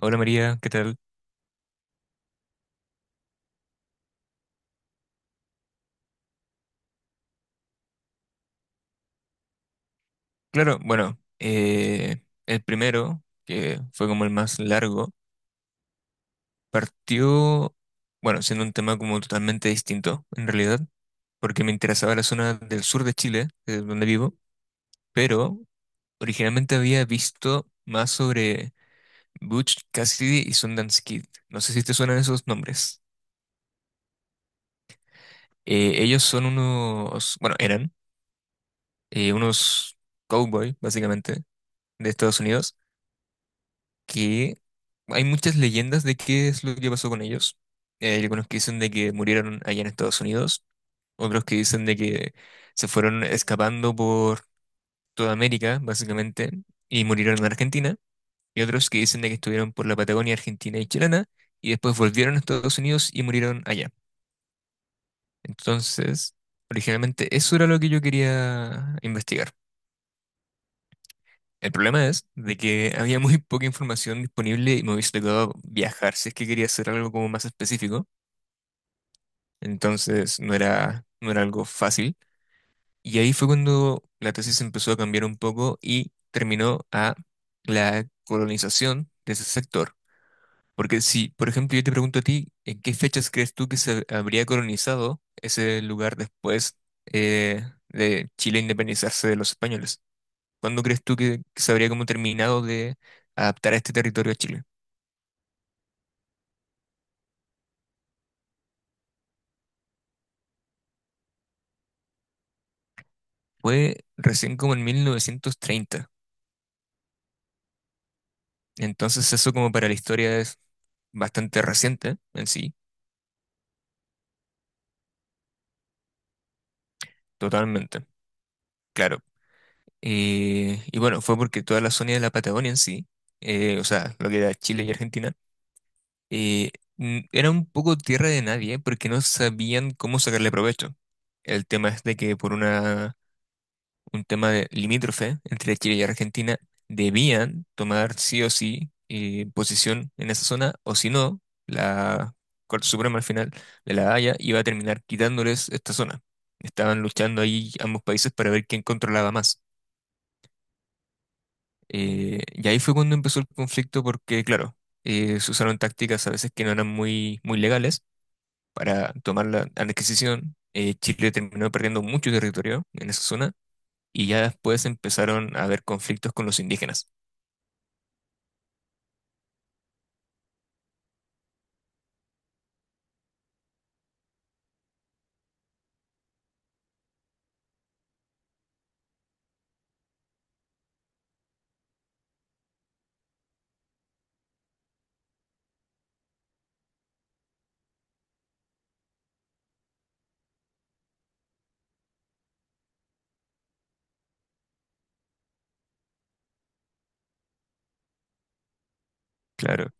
Hola María, ¿qué tal? Claro, bueno, el primero, que fue como el más largo, partió, bueno, siendo un tema como totalmente distinto, en realidad, porque me interesaba la zona del sur de Chile, que es donde vivo, pero originalmente había visto más sobre Butch Cassidy y Sundance Kid. No sé si te suenan esos nombres. Ellos son unos, bueno, eran unos cowboy, básicamente, de Estados Unidos, que hay muchas leyendas de qué es lo que pasó con ellos. Hay algunos que dicen de que murieron allá en Estados Unidos, otros que dicen de que se fueron escapando por toda América, básicamente, y murieron en Argentina, y otros que dicen de que estuvieron por la Patagonia argentina y chilena, y después volvieron a Estados Unidos y murieron allá. Entonces, originalmente eso era lo que yo quería investigar. El problema es de que había muy poca información disponible y me hubiese tocado viajar si es que quería hacer algo como más específico. Entonces no era algo fácil. Y ahí fue cuando la tesis empezó a cambiar un poco y terminó a la colonización de ese sector. Porque si, por ejemplo, yo te pregunto a ti, ¿en qué fechas crees tú que se habría colonizado ese lugar después eh, de Chile independizarse de los españoles? ¿Cuándo crees tú que, se habría como terminado de adaptar a este territorio a Chile? Fue recién como en 1930. Entonces eso como para la historia es bastante reciente en sí, totalmente, claro. Y bueno, fue porque toda la zona de la Patagonia en sí, o sea, lo que era Chile y Argentina, eh, era un poco tierra de nadie porque no sabían cómo sacarle provecho. El tema es de que por una un tema de limítrofe entre Chile y Argentina, debían tomar sí o sí posición en esa zona, o si no, la Corte Suprema al final de La Haya iba a terminar quitándoles esta zona. Estaban luchando ahí ambos países para ver quién controlaba más. Y ahí fue cuando empezó el conflicto porque, claro, se usaron tácticas a veces que no eran muy legales para tomar la adquisición. Chile terminó perdiendo mucho territorio en esa zona y ya después empezaron a haber conflictos con los indígenas. Claro.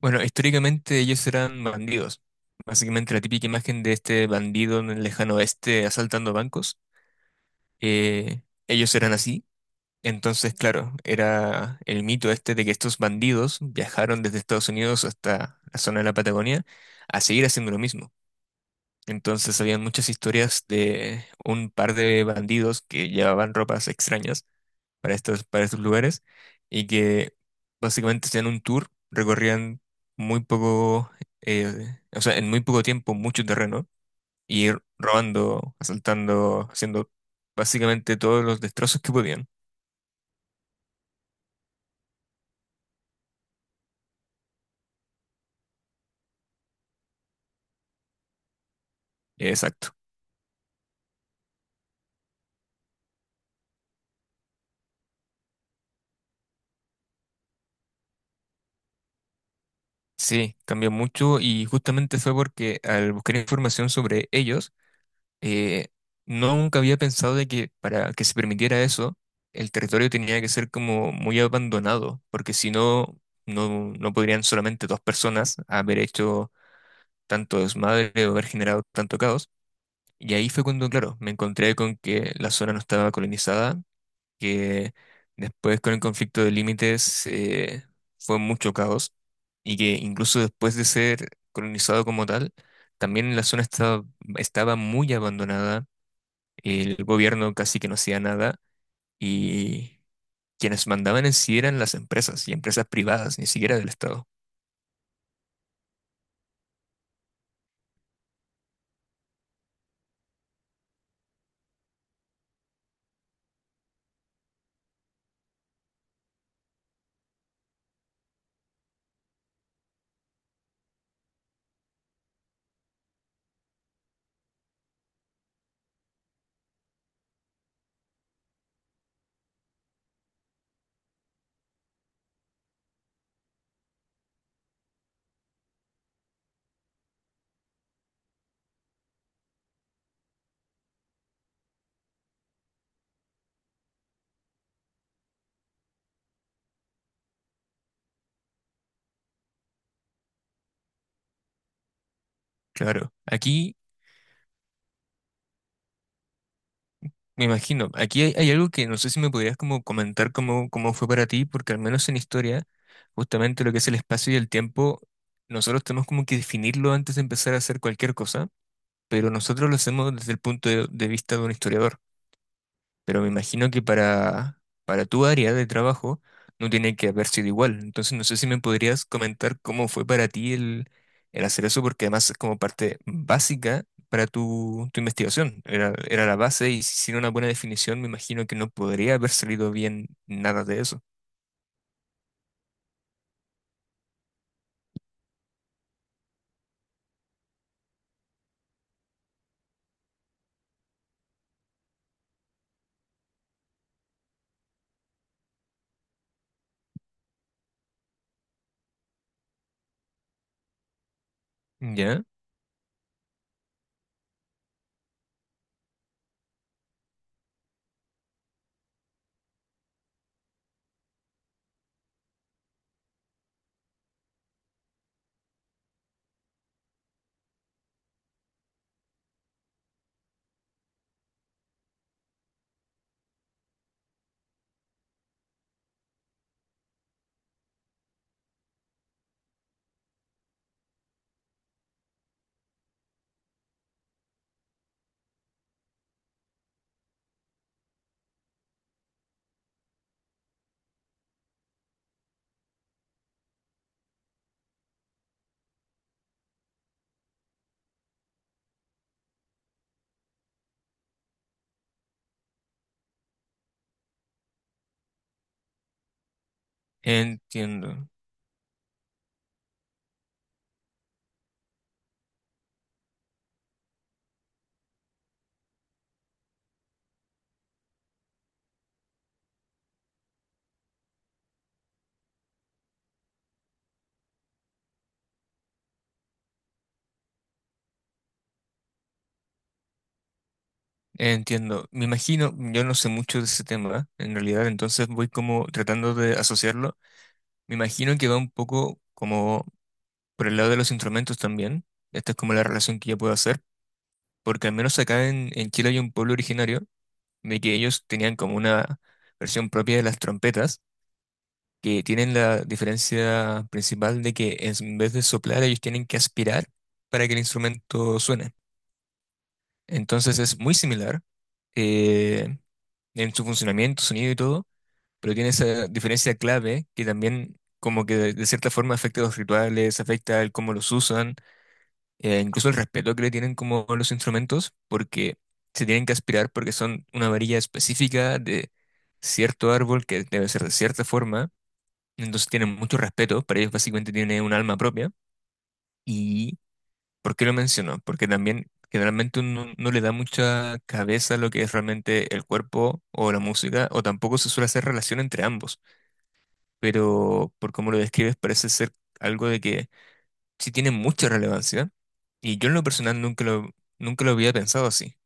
Bueno, históricamente ellos eran bandidos. Básicamente la típica imagen de este bandido en el lejano oeste asaltando bancos. eh, Ellos eran así. Entonces, claro, era el mito este de que estos bandidos viajaron desde Estados Unidos hasta la zona de la Patagonia a seguir haciendo lo mismo. Entonces, habían muchas historias de un par de bandidos que llevaban ropas extrañas para estos lugares y que básicamente hacían un tour, recorrían muy poco, o sea, en muy poco tiempo mucho terreno y ir robando, asaltando, haciendo básicamente todos los destrozos que podían. Exacto. Sí, cambió mucho y justamente fue porque al buscar información sobre ellos, eh, no, nunca había pensado de que para que se permitiera eso, el territorio tenía que ser como muy abandonado, porque si no, no, no podrían solamente dos personas haber hecho tanto desmadre o haber generado tanto caos. Y ahí fue cuando, claro, me encontré con que la zona no estaba colonizada, que después con el conflicto de límites fue mucho caos, y que incluso después de ser colonizado como tal, también estaba muy abandonada, el gobierno casi que no hacía nada y quienes mandaban en sí eran las empresas y empresas privadas, ni siquiera del Estado. Claro, aquí me imagino, aquí hay algo que no sé si me podrías como comentar cómo fue para ti, porque al menos en historia, justamente lo que es el espacio y el tiempo, nosotros tenemos como que definirlo antes de empezar a hacer cualquier cosa, pero nosotros lo hacemos desde el punto de vista de un historiador. Pero me imagino que para tu área de trabajo no tiene que haber sido igual. Entonces no sé si me podrías comentar cómo fue para ti el hacer eso, porque además es como parte básica para tu investigación. Era la base y sin una buena definición me imagino que no podría haber salido bien nada de eso. Ya, entiendo. Entiendo. Me imagino, yo no sé mucho de ese tema, en realidad, entonces voy como tratando de asociarlo. Me imagino que va un poco como por el lado de los instrumentos también, esta es como la relación que yo puedo hacer, porque al menos acá en Chile hay un pueblo originario de que ellos tenían como una versión propia de las trompetas, que tienen la diferencia principal de que es- en vez de soplar ellos tienen que aspirar para que el instrumento suene. Entonces es muy similar eh, en su funcionamiento, sonido y todo, pero tiene esa diferencia clave que también como que de cierta forma afecta a los rituales, afecta el cómo los usan incluso el respeto que le tienen como a los instrumentos, porque se tienen que aspirar porque son una varilla específica de cierto árbol que debe ser de cierta forma, entonces tienen mucho respeto, para ellos básicamente tiene un alma propia. ¿Y por qué lo menciono? Porque también generalmente uno no le da mucha cabeza a lo que es realmente el cuerpo o la música, o tampoco se suele hacer relación entre ambos, pero por cómo lo describes parece ser algo de que sí tiene mucha relevancia y yo en lo personal nunca lo había pensado así.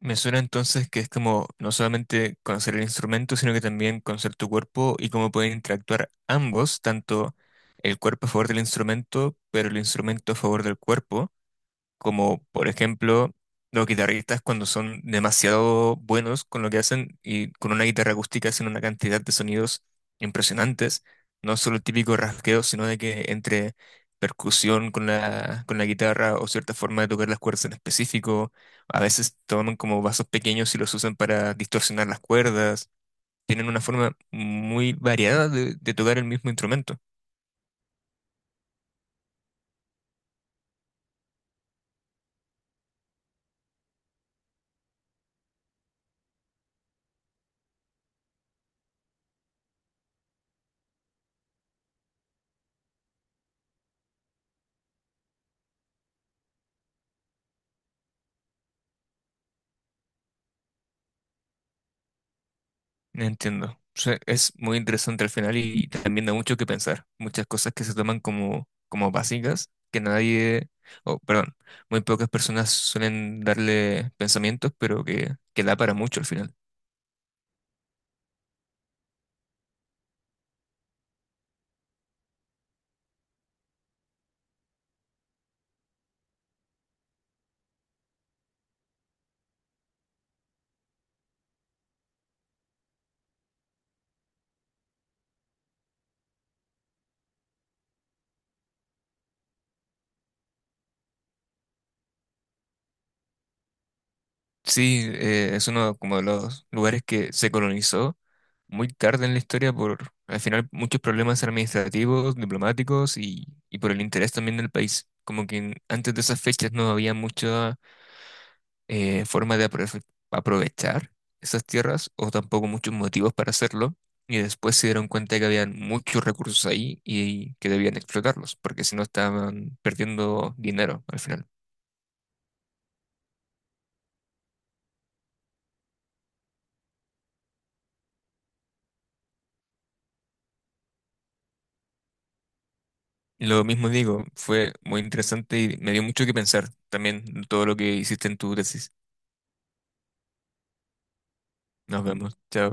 Me suena entonces que es como no solamente conocer el instrumento, sino que también conocer tu cuerpo y cómo pueden interactuar ambos, tanto el cuerpo a favor del instrumento, pero el instrumento a favor del cuerpo, como por ejemplo los guitarristas cuando son demasiado buenos con lo que hacen y con una guitarra acústica hacen una cantidad de sonidos impresionantes, no solo el típico rasgueo, sino de que entre percusión con la guitarra o cierta forma de tocar las cuerdas en específico, a veces toman como vasos pequeños y los usan para distorsionar las cuerdas, tienen una forma muy variada de tocar el mismo instrumento. Entiendo. O sea, es muy interesante al final y también da mucho que pensar. Muchas cosas que se toman como básicas, que nadie, o perdón, muy pocas personas suelen darle pensamientos, pero que da para mucho al final. Sí, es uno como de los lugares que se colonizó muy tarde en la historia por al final muchos problemas administrativos, diplomáticos y por el interés también del país. Como que en- antes de esas fechas no había mucho forma de aprovechar esas tierras o tampoco muchos motivos para hacerlo. Y después se dieron cuenta que habían muchos recursos ahí y que debían explotarlos, porque si no estaban perdiendo dinero al final. Lo mismo digo, fue muy interesante y me dio mucho que pensar también todo lo que hiciste en tu tesis. Nos vemos, chao.